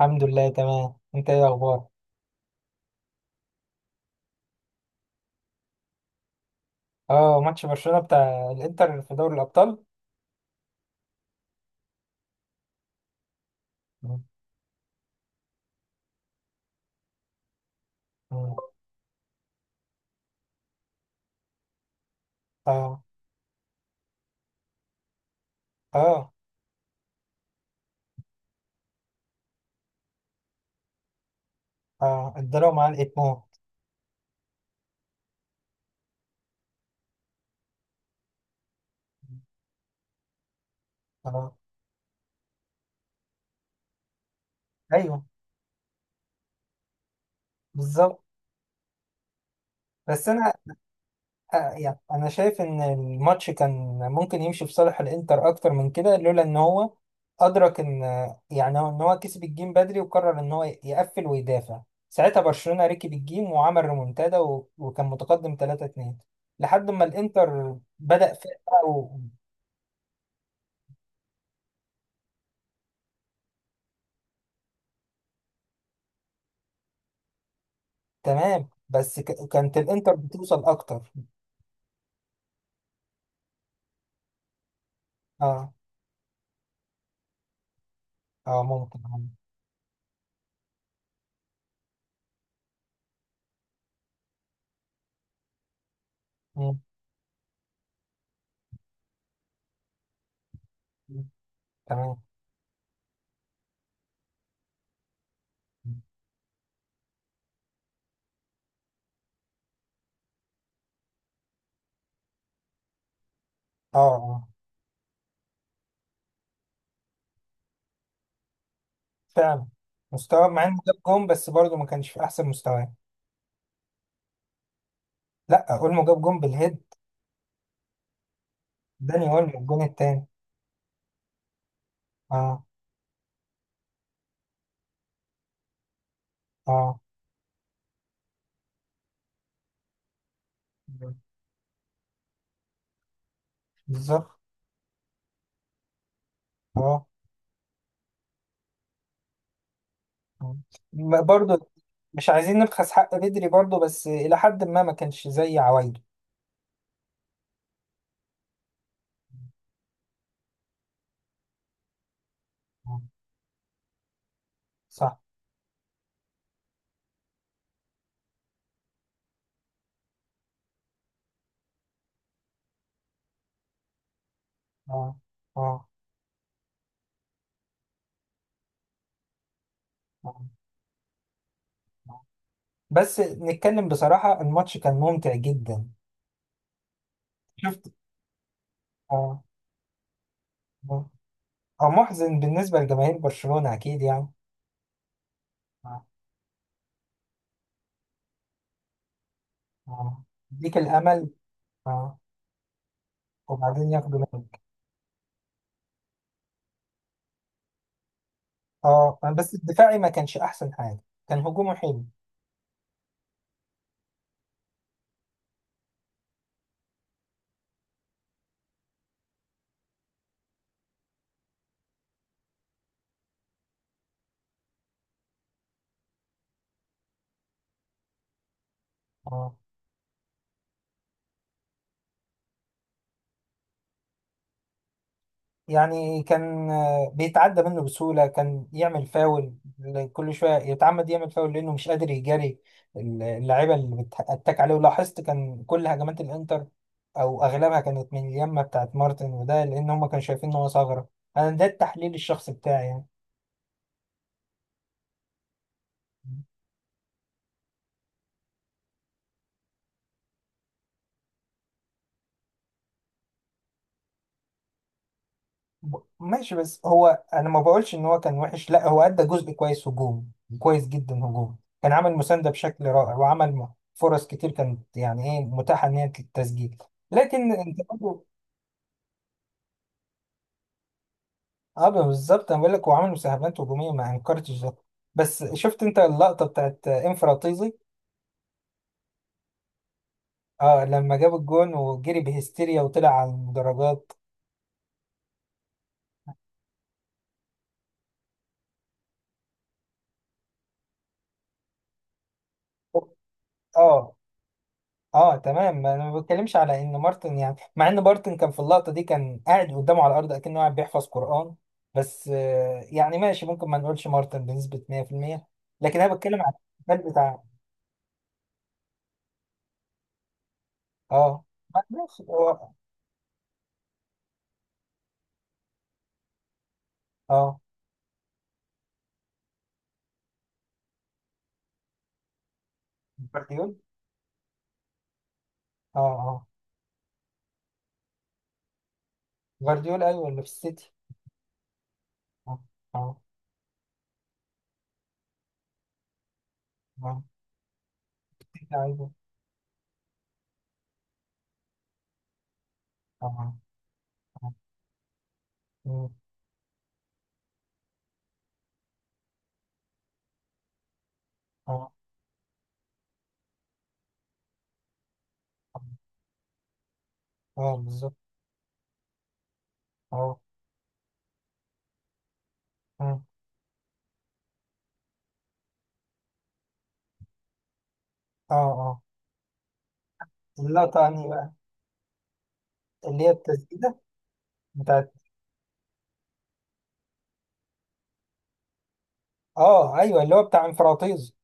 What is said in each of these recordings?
الحمد لله، تمام. انت ايه اخبار؟ اه، ماتش برشلونة بتاع الانتر في دوري الابطال. مم. مم. اه. اه. اه، الدراما علقت موت. اه، ايوه، بالظبط. بس انا. يعني انا شايف ان الماتش كان ممكن يمشي في صالح الانتر اكتر من كده لولا ان هو ادرك ان يعني ان هو كسب الجيم بدري وقرر ان هو يقفل ويدافع. ساعتها برشلونة ركب الجيم وعمل ريمونتادا و- وكان متقدم 3-2 لحد ما الانتر بدأ فاق. تمام، بس كانت الانتر بتوصل اكتر. اه، اه، ممكن، آه. مم. مم. تمام. اه، اه، فعلا. مستواه مع انه جاب جون بس برضه ما كانش في احسن مستواه. لا، اولمو جاب جون بالهيد. داني اولمو الجون التاني. اه. اه، بالظبط. اه. آه. برضه. مش عايزين نبخس حق بدري برضه بس الى حد ما ما كانش زي عوايده. آه. صح. اه. اه. آه. آه. بس نتكلم بصراحة الماتش كان ممتع جدا. شفت؟ اه. آه. هو محزن بالنسبة لجماهير برشلونة أكيد يعني. آه. آه. يديك الأمل. اه. وبعدين ياخدوا منك. اه، بس الدفاعي ما كانش أحسن حاجة. كان هجومه حلو. اه، يعني كان بيتعدى منه بسهولة. كان يعمل فاول. كل شوية يتعمد يعمل فاول لأنه مش قادر يجاري اللعيبة اللي بتتك عليه. ولاحظت كان كل هجمات الإنتر أو أغلبها كانت من اليمة بتاعت مارتن، وده لأن هما كانوا شايفين إن هو ثغرة. أنا ده التحليل الشخصي بتاعي يعني. ماشي، بس هو انا ما بقولش ان هو كان وحش. لا، هو ادى جزء كويس هجوم. كويس جدا هجوم. كان عمل مساندة بشكل رائع، وعمل فرص كتير كانت يعني ايه متاحة ان هي للتسجيل. لكن انت برضه. اه، بالظبط، انا بقول لك هو عمل مساهمات هجومية ما انكرتش ده. بس شفت انت اللقطة بتاعت انفراطيزي؟ اه، لما جاب الجون وجري بهستيريا وطلع على المدرجات. اه. اه، تمام. ما انا ما بتكلمش على ان مارتن، يعني مع ان مارتن كان في اللقطه دي كان قاعد قدامه على الارض اكنه قاعد بيحفظ قران. بس يعني ماشي ممكن ما نقولش مارتن بنسبه 100%. لكن انا بتكلم على الاحتفال بتاع. اه، ماشي. هو اه جفارديول. اه، اه، جفارديول، ايوه، اللي في السيتي. اه. اه. اه، السيتي عايزه. اه. اه. اه. مم. اه. آه. آه، بالظبط. اه. اه. اه. آه. اللقطه انهي بقى؟ اللي هي التسديده بتاعت. اه، ايوه، اللي هو بتاع انفراطيز.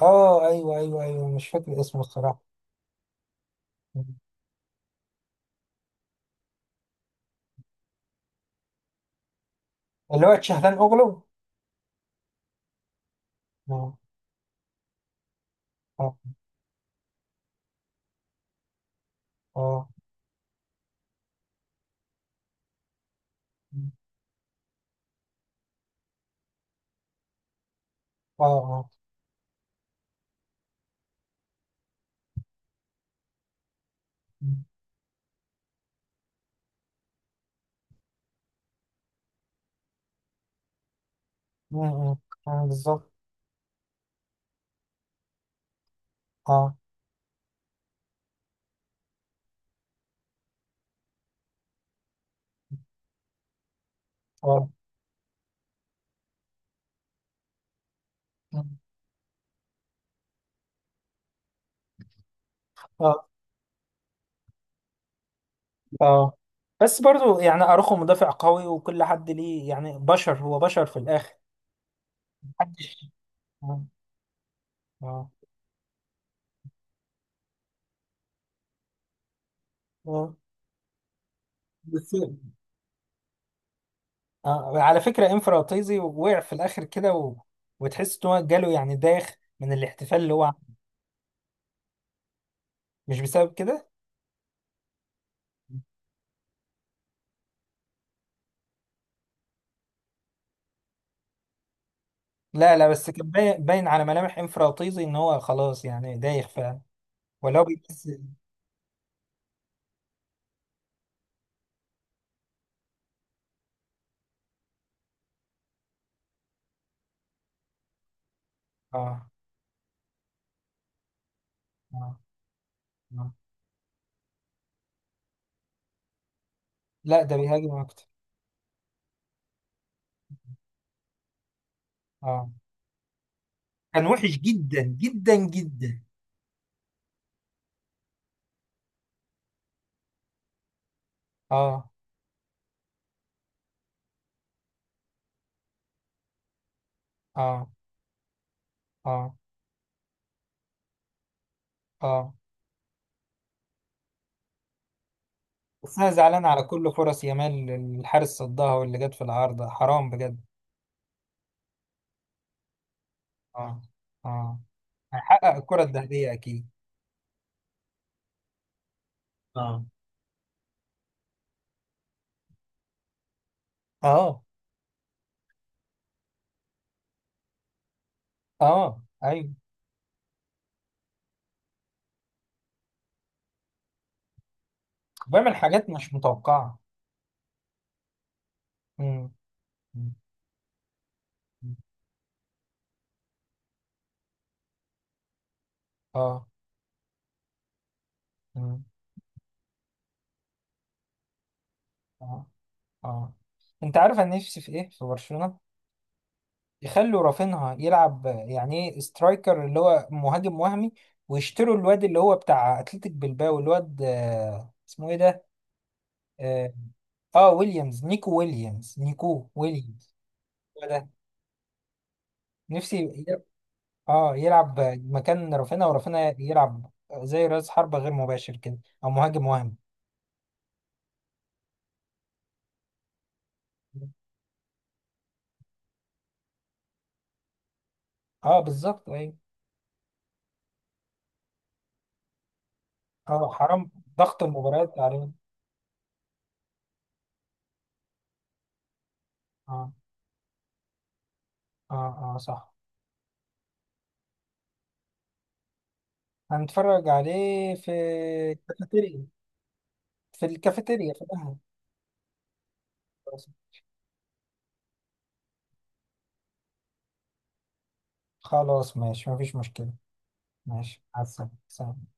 اه، ايوه، ايوه، ايوه، مش فاكر اسمه الصراحه. اللي هو تشهلان اوغلو. اه. اه. اه. اه. اه. م- م. آه، بالظبط. اه. اه. اه. اه. بس برضو يعني اروخو مدافع قوي وكل حد ليه يعني بشر، هو بشر في الاخر. محدش. اه. اه. آه. بس آه. على فكره انفراطيزي وقع في الاخر كده. وتحس ان هو جاله يعني داخ من الاحتفال اللي هو عمله. مش بسبب كده. لا، لا، بس كان باين باين على ملامح انفراطيزي ان هو خلاص يعني دايخ فعلا. ولو بيحس. اه. اه. اه. لا، ده بيهاجم اكتر. اه، كان وحش جدا جدا جدا. اه. اه. اه. اه، بس انا زعلان على كل فرص يامال الحارس صدها واللي جت في العارضة حرام بجد. اه. اه، هيحقق الكرة الذهبية اكيد. اه. اه. اه، ايوه، بيعمل حاجات مش متوقعة. امم. أمم. اه. أمم. آه. اه. انت عارف انا نفسي في ايه في برشلونة؟ يخلوا رافينها يلعب يعني ايه سترايكر اللي هو مهاجم وهمي، ويشتروا الواد اللي هو بتاع اتلتيك بلباو، الواد اسمه ايه ده؟ اه. آه، ويليامز. نيكو ويليامز. نيكو ويليامز. هو ده. نفسي. يلعب. اه، يلعب مكان رافينها ورافينها يلعب زي راس حربة غير مباشر كده. او مهاجم وهمي. اه، بالظبط، ايوه. اه، حرام. ضغط المباريات عليه. اه. اه. اه، صح. هنتفرج عليه في. الكافيتيريا. في الكافيتيريا، في القهوة. خلاص، ماشي، مفيش مشكلة. ماشي، مع السلامة، سلام.